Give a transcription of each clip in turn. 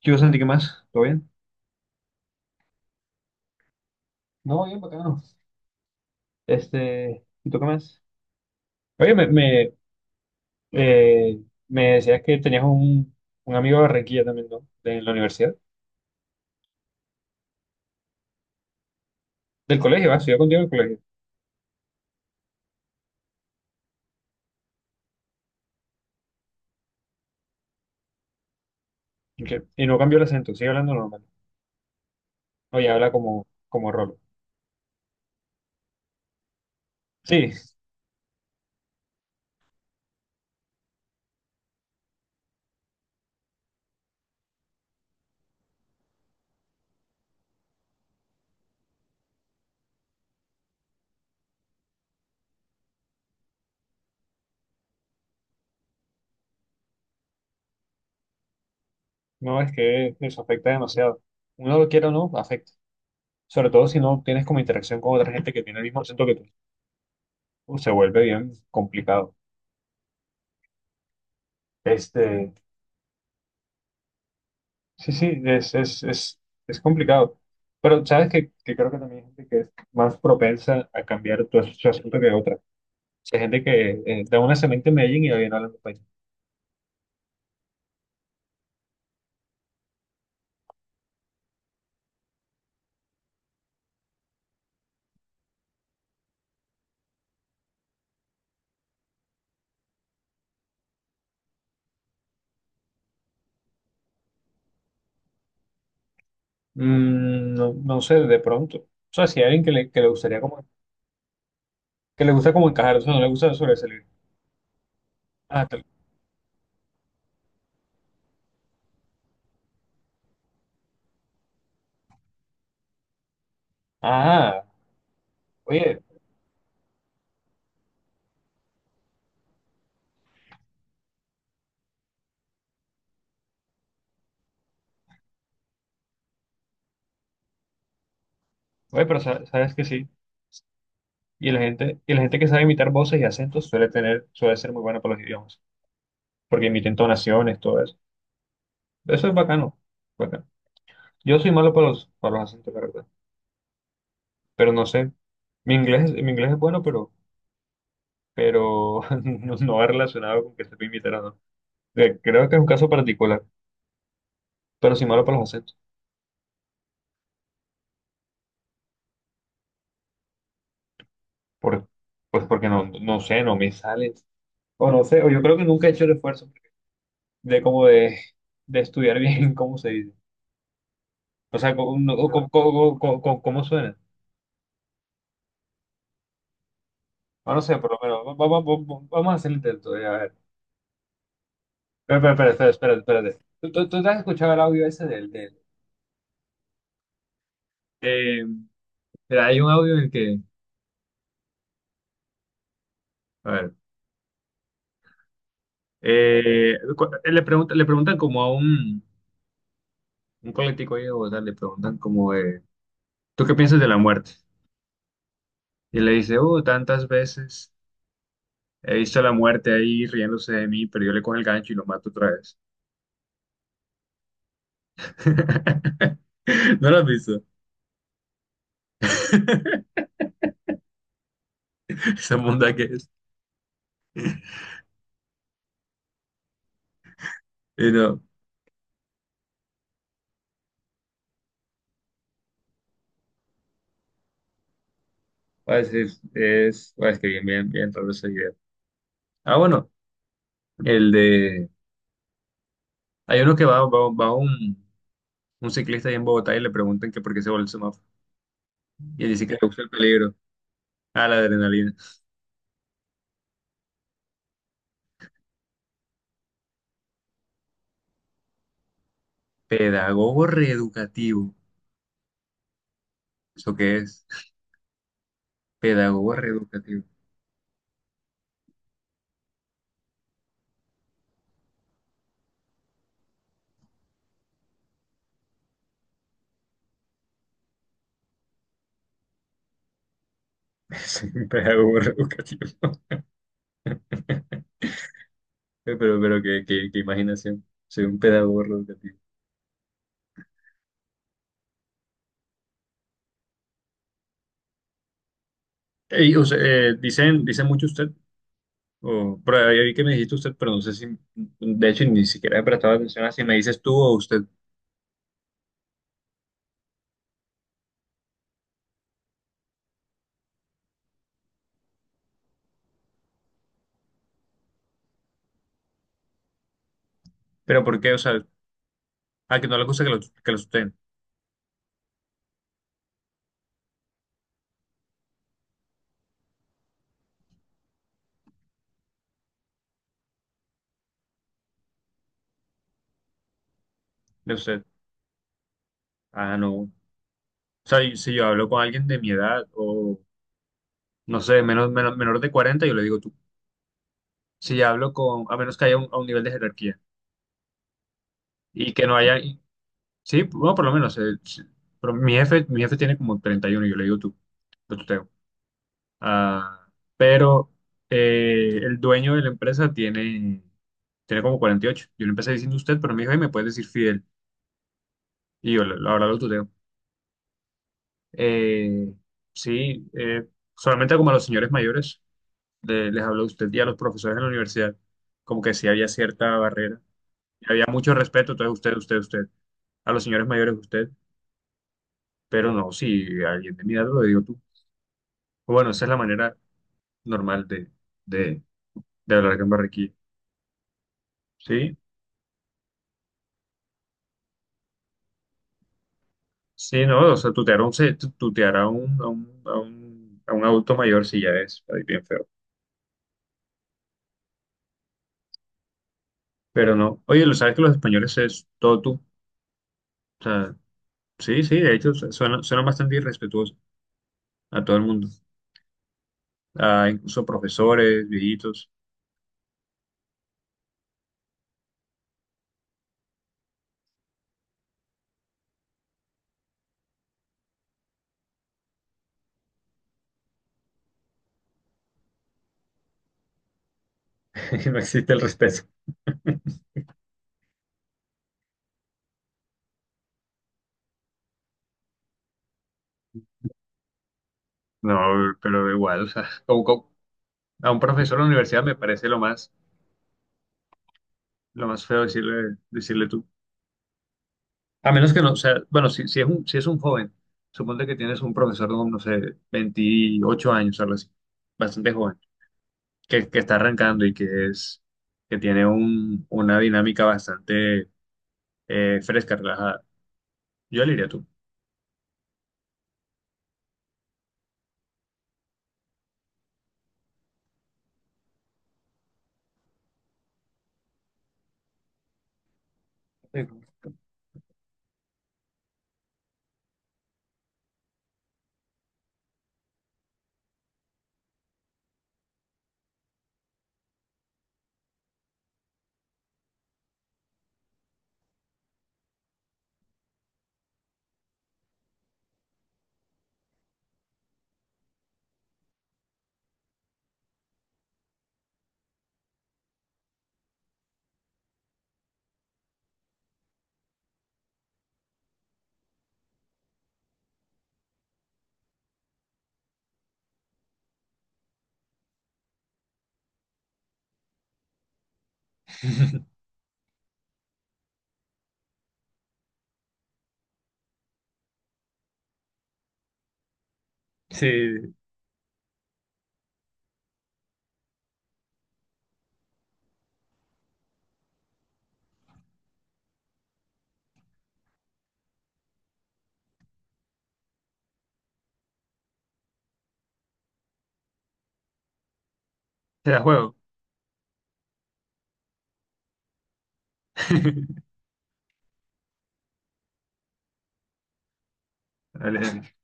¿Qué hubo, Santi? ¿Qué más? ¿Todo bien? No, bien bacano. Este, ¿y tú qué más? Oye, me, eh, me decías que tenías un amigo de Barranquilla también, ¿no? De la universidad. Del colegio, va, estudió contigo en el colegio. Y no cambió el acento, sigue hablando normal. Oye, habla como Rolo. Sí, no, es que eso afecta demasiado. Uno lo quiera o no, afecta. Sobre todo si no tienes como interacción con otra gente que tiene el mismo acento que tú. Se vuelve bien complicado. Este. Sí, sí, es complicado. Pero sabes que creo que también hay gente que es más propensa a cambiar su asunto que otra. O sea, hay gente que da una semana en Medellín y va bien hablando español. No, no sé, de pronto. O sea, si hay alguien que le gustaría como, que le gusta como encajar, o sea, no le gusta sobresalir. Ah, tal. Ah, oye, oye, pero sabes que sí. Y la gente que sabe imitar voces y acentos suele tener, suele ser muy buena para los idiomas. Porque imiten tonaciones, todo eso. Eso es bacano. Bacano. Yo soy malo para para los acentos, la verdad. Pero no sé. Mi inglés es bueno, pero no, no va relacionado con que sepa imitar o no. Creo que es un caso particular, pero soy malo para los acentos. Por, pues porque no, no sé, no me sale. O no sé, o yo creo que nunca he hecho el esfuerzo de como de, de estudiar bien cómo se dice. O sea, cómo, no, o cómo, cómo suena. O no sé, por lo menos. Vamos a hacer el intento. A ver. Espera, espera, espera, espera, espera. Espérate. ¿ Tú te has escuchado el audio ese del, em, Mira, hay un audio en el que, a ver, le le preguntan como a un político ahí de Bogotá, le preguntan como, ¿tú qué piensas de la muerte? Y le dice, oh, tantas veces he visto a la muerte ahí riéndose de mí, pero yo le cojo el gancho y lo mato otra vez. ¿No lo has visto? Esa monda que es. Y no, va a decir, va a que bien, bien, bien raro ese video. Ah, bueno, el de, hay uno va un ciclista ahí en Bogotá y le preguntan que por qué se volvió semáforo. Y dice que le gusta el peligro. Ah, la adrenalina. Pedagogo reeducativo. ¿Eso qué es? Pedagogo reeducativo. Soy un pedagogo reeducativo. Pero qué imaginación. Soy un pedagogo reeducativo. Ey, o sea, dicen, dicen mucho usted, o, pero ahí vi que me dijiste usted, pero no sé si, de hecho, ni siquiera he prestado atención a si me dices tú o usted. Pero ¿por qué? O sea, a que no le gusta que lo sustenten, de usted. Ah, no. O sea, y si yo hablo con alguien de mi edad, o no sé, menor de 40 yo le digo tú. Si hablo con, a menos que haya un, a un nivel de jerarquía y que no haya, sí, bueno, por lo menos, sí. Pero mi jefe tiene como 31, yo le digo tú, lo tuteo. Ah, pero el dueño de la empresa tiene como 48. Yo le empecé diciendo usted, pero me dijo, "Ay, me puedes decir Fidel". Y yo, la verdad, lo tuteo. Eh, sí, eh, Solamente como a los señores mayores les hablo a usted y a los profesores en la universidad, como que sí había cierta barrera. Y había mucho respeto, entonces usted, a los señores mayores usted, pero no, si alguien de mi edad lo digo tú. Bueno, esa es la manera normal de, de hablar acá en Barranquilla, ¿sí? Sí, no, o sea, tutear a a un adulto mayor sí ya es ahí bien feo, pero no. Oye, lo sabes que los españoles es todo tú, o sea, sí, sí, de hecho, suena, suena bastante irrespetuoso a todo el mundo, a incluso profesores, viejitos. No existe el respeto. No, pero igual, o sea, ¿cómo- cómo? A un profesor de la universidad me parece lo más feo decirle, decirle tú. A menos que no, o sea, bueno, si es un, si es un joven, suponte que tienes un profesor de, no sé, 28 años, o algo así, bastante joven, que está arrancando que tiene un, una dinámica bastante fresca, relajada. Yo le diría tú. Sí, te da juego. Dale, dale.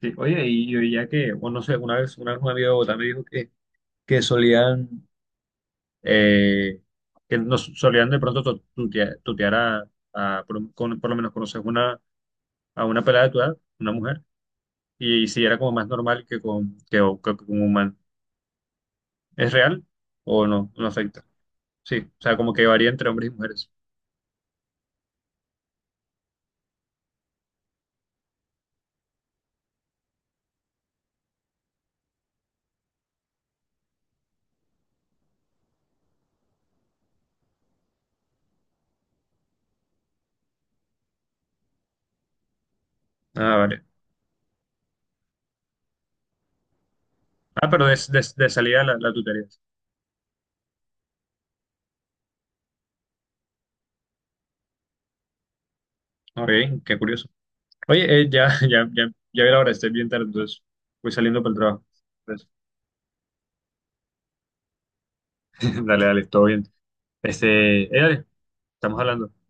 Sí, oye, y yo ya que, bueno, no sé, una vez un amigo de Bogotá me dijo que solían eh, que nos solían de pronto tutear, por, por lo menos conoces a una pelada de tu edad, una mujer, y, si era como más normal que que con un man. ¿Es real o no? No afecta. Sí, o sea, como que varía entre hombres y mujeres. Ah, vale. Ah, pero de salida la tutearía. Ok, qué curioso. Oye, ya, ya vi la hora, estoy bien tarde, entonces voy saliendo para el trabajo. Entonces, dale, dale, todo bien. Este, dale, estamos hablando.